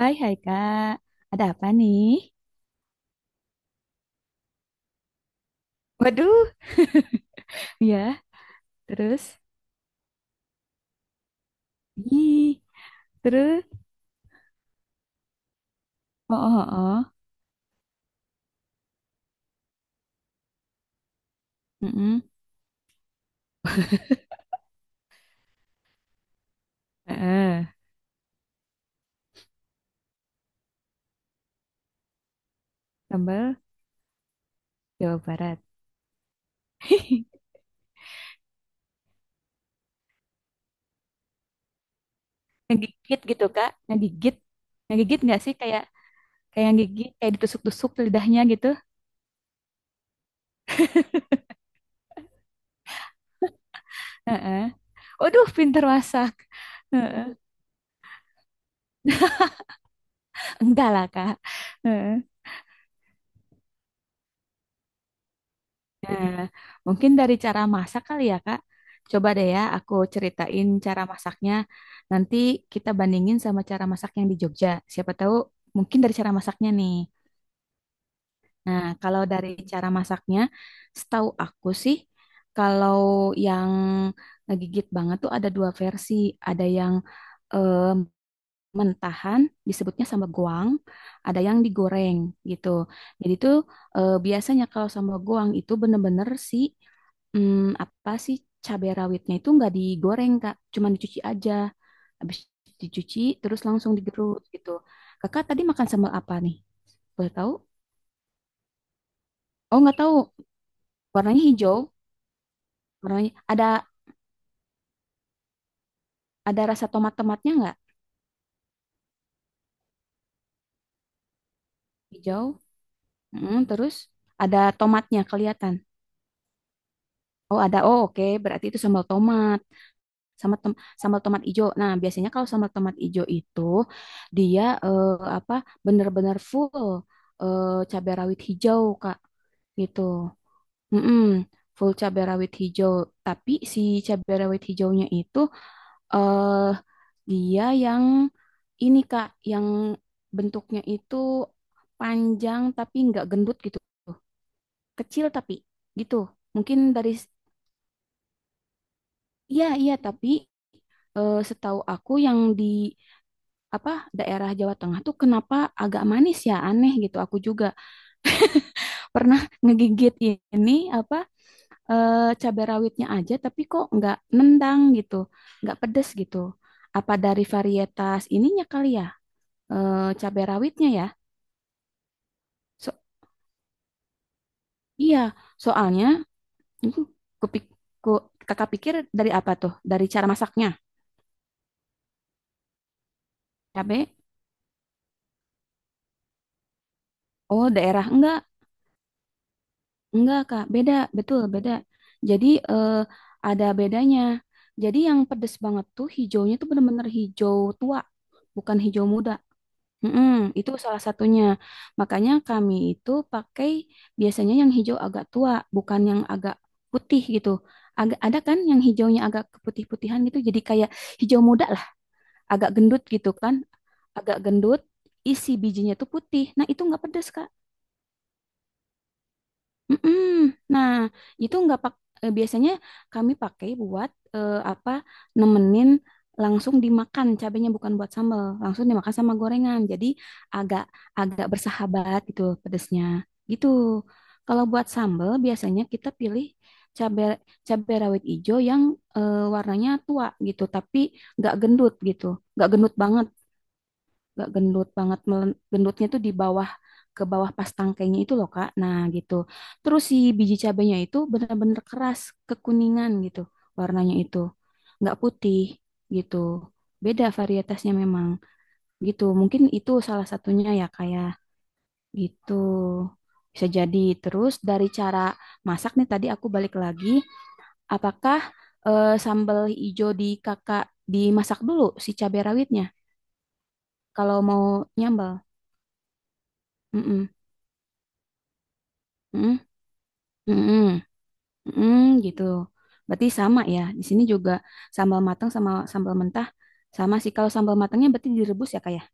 Hai, hai Kak. Ada apa nih? Waduh, ya, terus? Ih, terus? Oh, oh, oh. Mm-mm. Heeh. Sambal Jawa Barat. Ngegigit gitu, Kak. Ngegigit. Ngegigit nggak sih? Kayak kayak gigit, kayak ditusuk-tusuk lidahnya gitu. Heeh. Waduh, pinter masak. Heeh. Enggak lah, Kak. Heeh. Nah, mungkin dari cara masak kali ya, Kak. Coba deh ya, aku ceritain cara masaknya. Nanti kita bandingin sama cara masak yang di Jogja. Siapa tahu mungkin dari cara masaknya nih. Nah, kalau dari cara masaknya, setahu aku sih, kalau yang ngegigit banget tuh ada dua versi. Ada yang eh, mentahan, disebutnya sambal goang. Ada yang digoreng gitu. Jadi tuh biasanya kalau sambal goang itu bener-bener si apa sih cabai rawitnya itu nggak digoreng Kak, cuman dicuci aja. Habis dicuci terus langsung digerus gitu. Kakak tadi makan sambal apa nih? Boleh tahu? Oh nggak tahu. Warnanya hijau. Warnanya ada rasa tomat-tomatnya nggak? Hijau. Terus ada tomatnya kelihatan. Oh ada. Oh oke. Berarti itu sambal tomat. Sambal tomat ijo. Nah, biasanya kalau sambal tomat ijo itu dia apa benar-benar full eh, cabai rawit hijau, Kak. Gitu. Mm-mm, full cabai rawit hijau, tapi si cabai rawit hijaunya itu eh dia yang ini, Kak, yang bentuknya itu panjang tapi nggak gendut gitu. Kecil tapi gitu. Mungkin dari Iya, iya, tapi setahu aku yang di apa daerah Jawa Tengah tuh kenapa agak manis ya aneh gitu aku juga pernah ngegigit ini apa cabai rawitnya aja tapi kok nggak nendang gitu nggak pedes gitu apa dari varietas ininya kali ya cabai rawitnya ya so, iya soalnya uh, kupik- kakak pikir dari apa tuh dari cara masaknya cabai oh daerah enggak, Kak. Beda, betul, beda. Jadi ada bedanya. Jadi yang pedes banget tuh hijaunya tuh bener-bener hijau tua, bukan hijau muda. Mm-mm, itu salah satunya. Makanya kami itu pakai biasanya yang hijau agak tua, bukan yang agak putih gitu. Agak ada kan yang hijaunya agak keputih-putihan gitu. Jadi kayak hijau muda lah, agak gendut gitu kan. Agak gendut, isi bijinya tuh putih. Nah, itu nggak pedes, Kak. Mm-mm. Nah, itu nggak pak eh, biasanya kami pakai buat apa nemenin langsung dimakan cabenya bukan buat sambal, langsung dimakan sama gorengan. Jadi agak agak bersahabat gitu pedesnya. Gitu. Kalau buat sambal biasanya kita pilih cabe cabe rawit ijo yang warnanya tua gitu, tapi nggak gendut gitu, nggak gendut banget gendutnya tuh di bawah ke bawah pas tangkainya itu loh Kak nah gitu terus si biji cabenya itu benar-benar keras kekuningan gitu warnanya itu nggak putih gitu beda varietasnya memang gitu mungkin itu salah satunya ya kayak gitu bisa jadi terus dari cara masak nih tadi aku balik lagi apakah sambal hijau di kakak dimasak dulu si cabai rawitnya kalau mau nyambal mm Mm-mm, mm-mm, gitu. Berarti sama ya. Di sini juga sambal matang sama sambal mentah sama sih. Kalau sambal matangnya berarti direbus ya kayak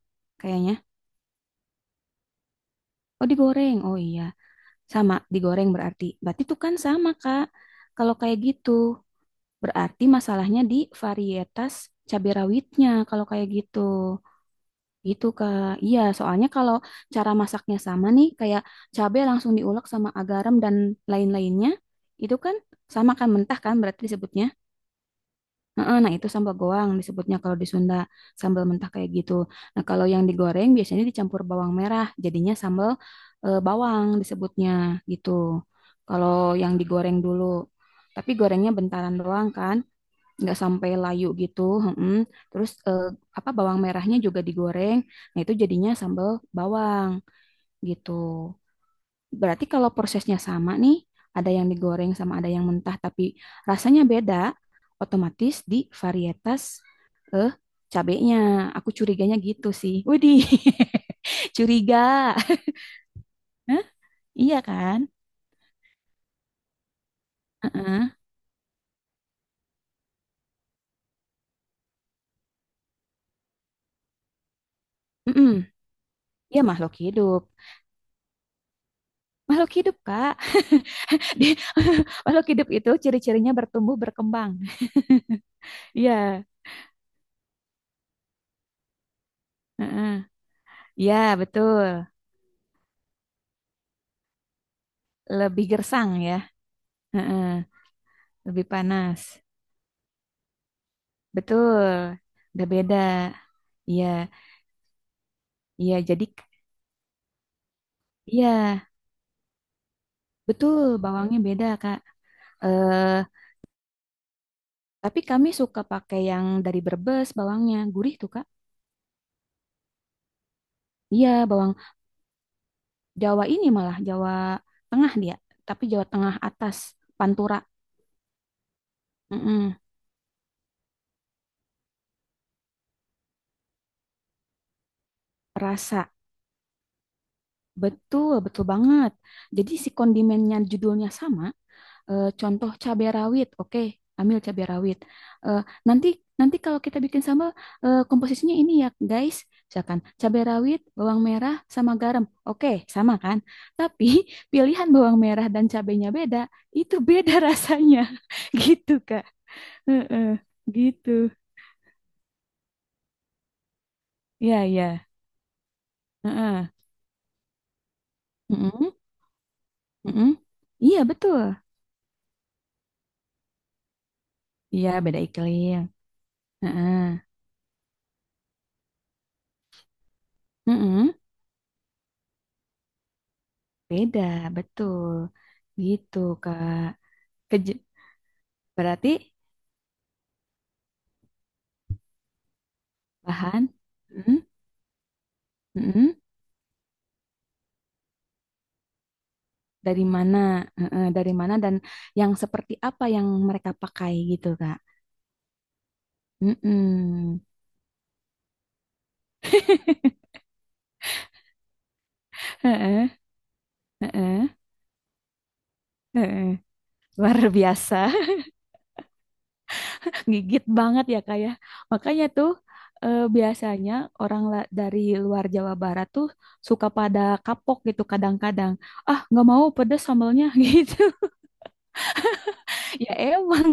kayaknya. Oh digoreng. Oh iya, sama digoreng berarti. Berarti tuh kan sama Kak. Kalau kayak gitu berarti masalahnya di varietas cabai rawitnya kalau kayak gitu. Gitu Kak. Iya, soalnya kalau cara masaknya sama nih kayak cabai langsung diulek sama garam dan lain-lainnya, itu kan sama kan mentah kan berarti disebutnya. Heeh, nah, itu sambal goang disebutnya kalau di Sunda, sambal mentah kayak gitu. Nah, kalau yang digoreng biasanya dicampur bawang merah, jadinya sambal bawang disebutnya gitu. Kalau yang digoreng dulu, tapi gorengnya bentaran doang kan, nggak sampai layu gitu. Heeh. Terus apa bawang merahnya juga digoreng, nah itu jadinya sambal bawang gitu. Berarti kalau prosesnya sama nih, ada yang digoreng sama ada yang mentah, tapi rasanya beda, otomatis di varietas eh cabenya. Aku curiganya gitu sih. Widih, curiga. Hah? Iya kan? Heeh. Mm-mm. Iya makhluk hidup. Makhluk hidup, Kak. Di- Makhluk hidup itu ciri-cirinya bertumbuh, berkembang. Iya. Heeh. Iya, betul. Lebih gersang ya. Heeh. Lebih panas. Betul, udah beda. Iya, iya jadi iya, betul bawangnya beda, Kak. Eh, tapi kami suka pakai yang dari Brebes bawangnya, gurih tuh, Kak. Iya, bawang Jawa ini malah Jawa Tengah dia, tapi Jawa Tengah atas, Pantura. Mm-mm, rasa. Betul, betul banget. Jadi si kondimennya judulnya sama. Contoh cabai rawit, oke, ambil cabai rawit. Eh, nanti nanti kalau kita bikin sambal komposisinya ini ya, guys. Misalkan cabai rawit, bawang merah sama garam. Oke, sama kan? Tapi pilihan bawang merah dan cabainya beda, itu beda rasanya. Gitu, Kak. Heeh, gitu. Ya, ya. Heeh. Mm-mm, mm-mm. Iya, betul. Iya, beda iklim. Heeh. Mm-mm. Beda, betul. Gitu, Kak. Kej- Berarti bahan mm, mm, dari mana, dari mana dan yang seperti apa yang mereka pakai gitu, Kak. Mm-mm. Heeh, heeh, heeh. Luar biasa, gigit banget ya Kak ya. Makanya tuh biasanya dari luar Jawa Barat tuh suka pada kapok gitu kadang-kadang. Ah, nggak mau pedes sambalnya gitu. Ya emang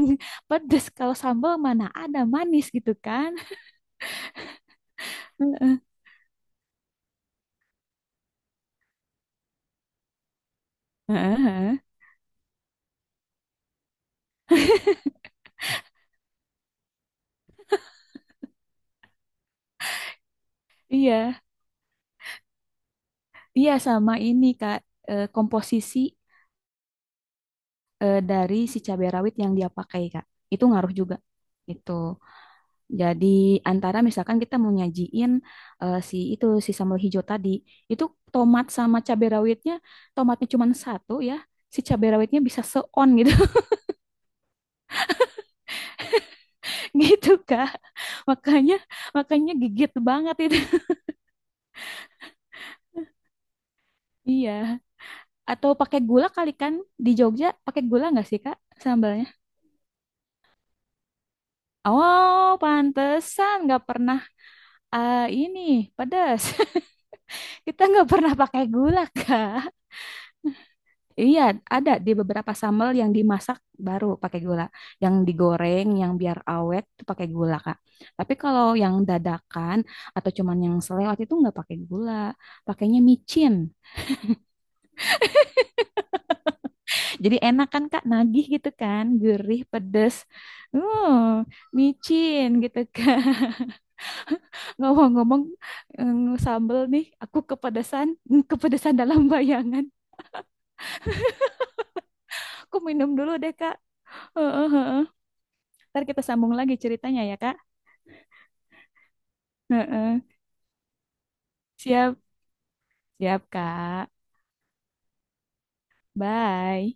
pedes kalau sambal mana ada manis gitu kan. Heeh, heeh, iya, iya sama ini Kak. Komposisi dari si cabai rawit yang dia pakai Kak, itu ngaruh juga. Itu. Jadi antara misalkan kita mau nyajiin si itu si sambal hijau tadi, itu tomat sama cabai rawitnya, tomatnya cuma satu ya, si cabai rawitnya bisa seon gitu, gitu Kak. Makanya, makanya gigit banget itu. Iya. Atau pakai gula kali kan di Jogja, pakai gula nggak sih Kak sambalnya? Oh, pantesan nggak pernah ah, ini pedas. Kita nggak pernah pakai gula, Kak. Iya, ada di beberapa sambal yang dimasak baru pakai gula. Yang digoreng, yang biar awet itu pakai gula, Kak. Tapi kalau yang dadakan atau cuman yang selewat itu nggak pakai gula. Pakainya micin. Jadi enak kan, Kak? Nagih gitu kan. Gurih, pedes. Uh, micin gitu kan. Ngomong-ngomong eh, sambal nih, aku kepedesan. Kepedesan dalam bayangan. Aku minum dulu deh, Kak. Heeh, heeh. Ntar kita sambung lagi ceritanya ya, Kak. Heeh. Siap, siap, Kak. Bye.